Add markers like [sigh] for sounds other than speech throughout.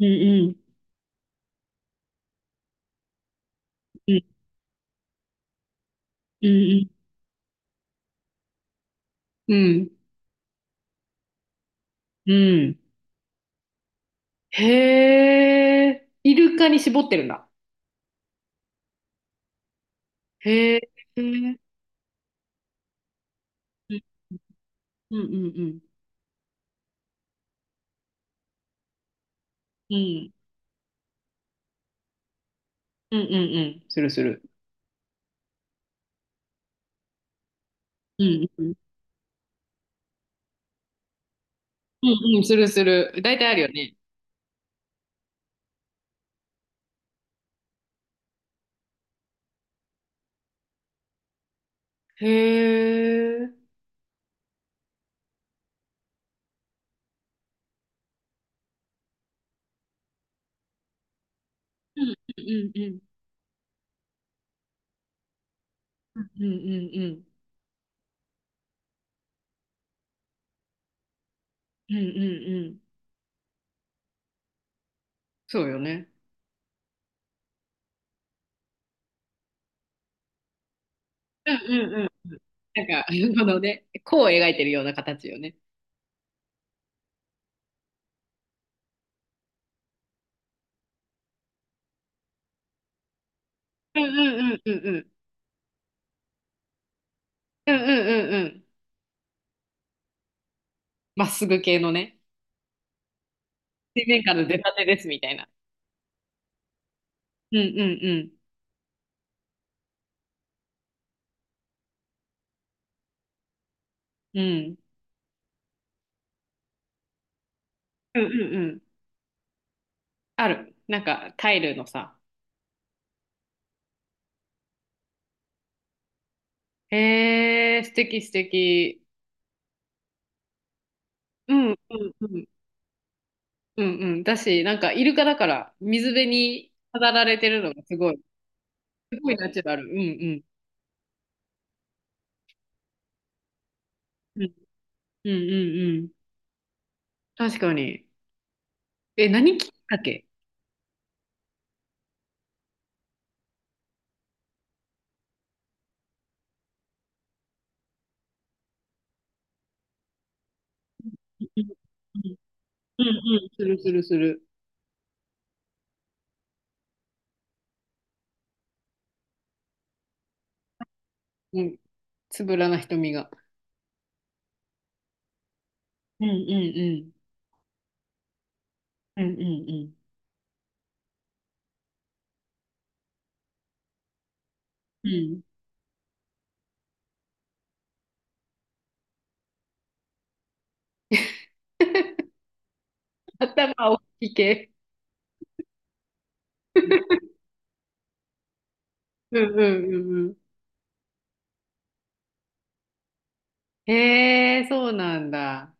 うんうん。うんうん。うん。うん。へえ、イルカに絞ってるんだ。へえ。うんうんうんうん。うんうんうんうん、するする。うんうん。うんうん、するする。大体あるよね。へえ。うんうんうんうん。うんうんうん。うんうんうん。そうよね。うんうんうん。なんか、[laughs] このね、弧を描いてるような形よね。うんうんうんうんうん。うんうんうんうん。まっすぐ系のね。水面下の出たてですみたいな。うんうんうん。うん。うんうんうん。ある。なんかタイルのさ。へえ、素敵素敵。うんうんうん。うんうん。だし、なんかイルカだから水辺に飾られてるのがすごい。すごいナチュラル。うんうん。うんうんうんうん。確かに。え、何きっかけ？うんうんうんうん、するするする。うん。つぶらな瞳が。うんうんうん。うんうんうん。うん。[laughs] 頭大きい系。うんうんうんうん。へえ、そうなんだ。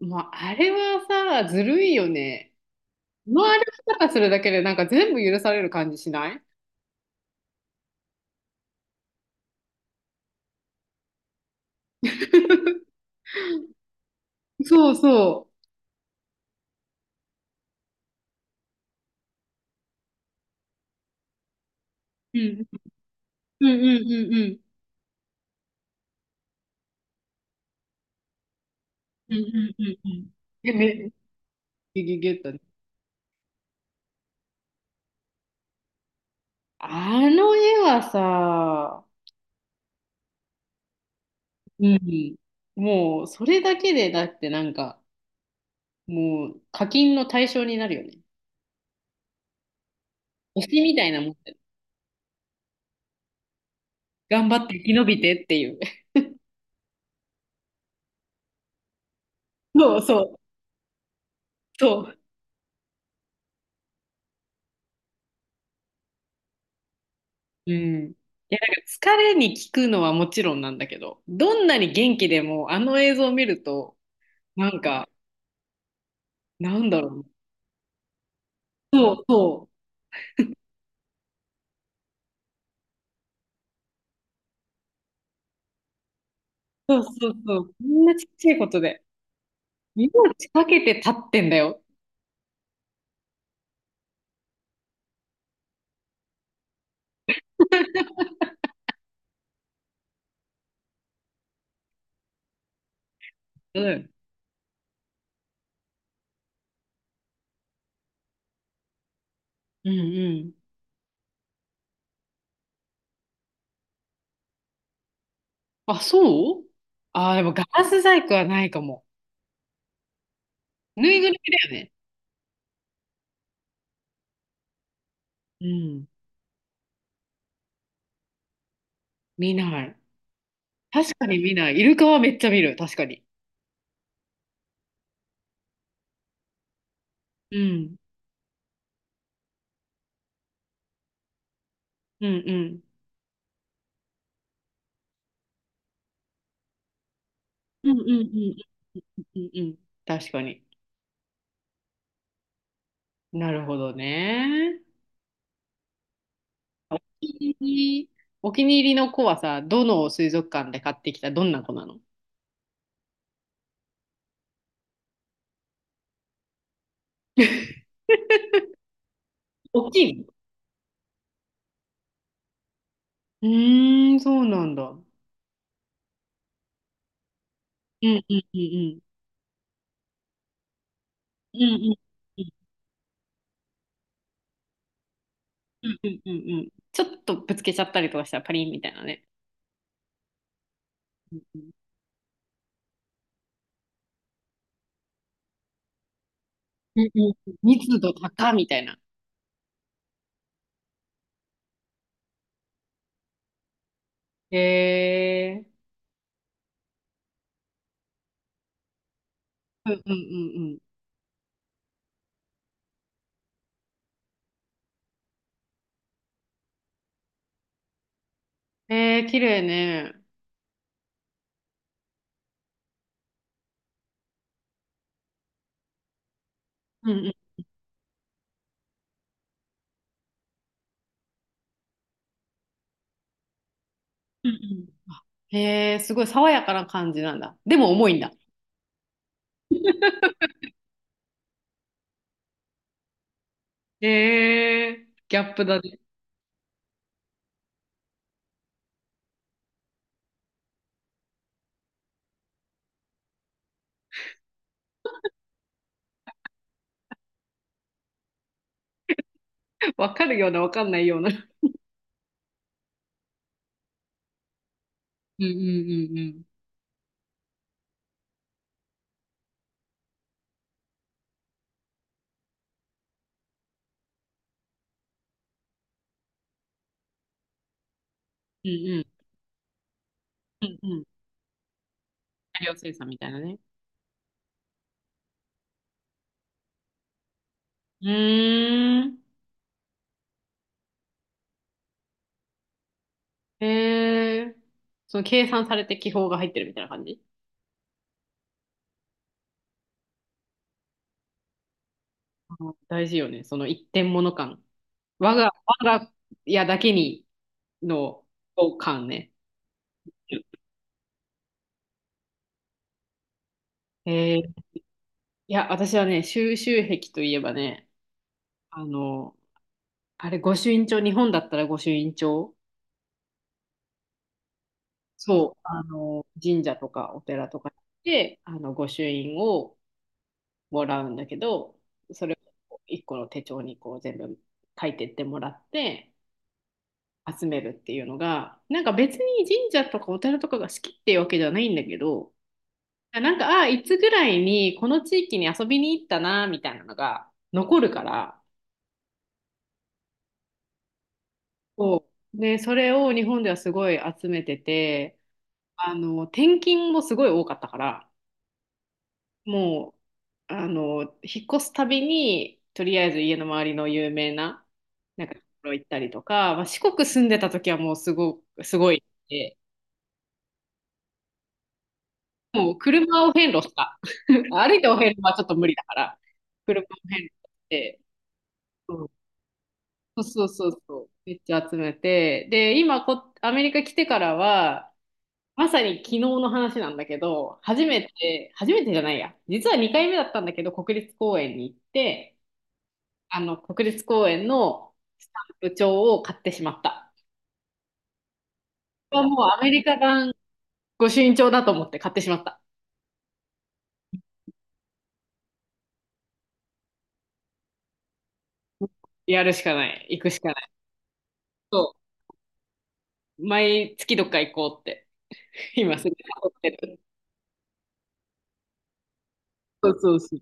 もうあれはさ、ずるいよね。この歩き方するだけでなんか全部許される感じしない？ [laughs] そうそう。うんうんうんうんうん。うんうんうんうん。え、め、ギュギュッとね。あの絵はさ、うん。もうそれだけでだってなんか、もう課金の対象になるよね。推しみたいなもんだよ。頑張って生き延びてっていう。[laughs] そうそう。そう。うん。いや、なんか疲れに効くのはもちろんなんだけど、どんなに元気でもあの映像を見ると、なんか、なんだろう。そうそう。そうそうそう、こんなちっちゃいことで。命かけて立ってんだよ。うん。うんうん。あ、そう。あー、でもガラス細工はないかも。ぬいぐるみだよね。うん。見ない。確かに見ない。イルカはめっちゃ見る。確かに。うん。うんうん。うんうんうんうんうんうん。確かに。なるほどね。気に、お気に入りの子はさ、どの水族館で買ってきたどんな子なの？ [laughs] 大きいの？うーん、そうなんだ。うんうんうんうん。うんうんうんうんうんうん。ちょっとぶつけちゃったりとかしたらパリンみたいなね。うんうんうん。うん密度高みたいな。へえ。うんうんうんうん。へえ、綺麗ね。うんうんうんうん。へえ、すごい爽やかな感じなんだ。でも重いんだ。へえ、ギャップだね。[laughs] わかるような、わかんないような。うんうんうんうん。うんうん。うんうん。大量生産みたいなね。うーん。へえ。その計算されて気泡が入ってるみたいな感じ？あの、大事よね。その一点物感。我が、我が家だけにの感ね。えー、いや、私はね、収集癖といえばね、あの、あれ、御朱印帳、日本だったら御朱印帳、そう、あの、神社とかお寺とか行って、あの、御朱印をもらうんだけど、それを一個の手帳にこう全部書いてってもらって集めるっていうのが、なんか別に神社とかお寺とかが好きっていうわけじゃないんだけど、なんか、あいつぐらいにこの地域に遊びに行ったな、みたいなのが残るから、そうね、それを日本ではすごい集めてて、あの、転勤もすごい多かったから、もう、あの、引っ越すたびに、とりあえず家の周りの有名な、なんか、ところ行ったりとか、まあ、四国住んでた時はもうすごい、て、もう車を遍路した。[laughs] 歩いてお遍路はちょっと無理だから、車を遍路して、うん、そうそうそうそう、めっちゃ集めて、で、アメリカ来てからは、まさに昨日の話なんだけど、初めてじゃないや、実は2回目だったんだけど、国立公園に行って、あの、国立公園のスタンプ帳を買ってしまった。これはもうアメリカ版御朱印帳だと思って買ってしまった。やるしかない。行くしかない。そう。毎月どっか行こうって。[laughs] 今すぐ思ってる。そうそうそう。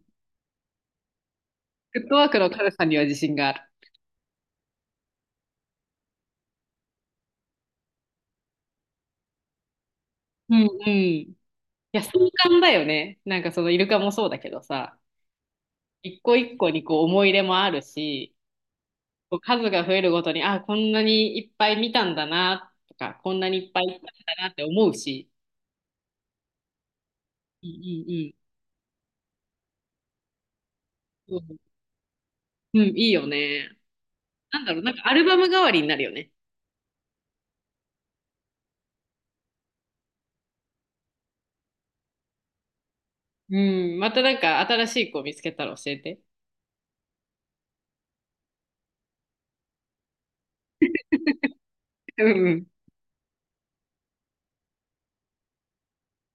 フットワークの軽さには自信がある。うんうん。いや、壮観だよね。なんかそのイルカもそうだけどさ、一個一個にこう思い入れもあるし、こう数が増えるごとに、あ、こんなにいっぱい見たんだなとか、こんなにいっぱい行ったんだなって思うし、うんうんうん。うん、うん、いいよね。なんだろう、なんかアルバム代わりになるよね。うん、またなんか新しい子見つけたら教えて。うんうん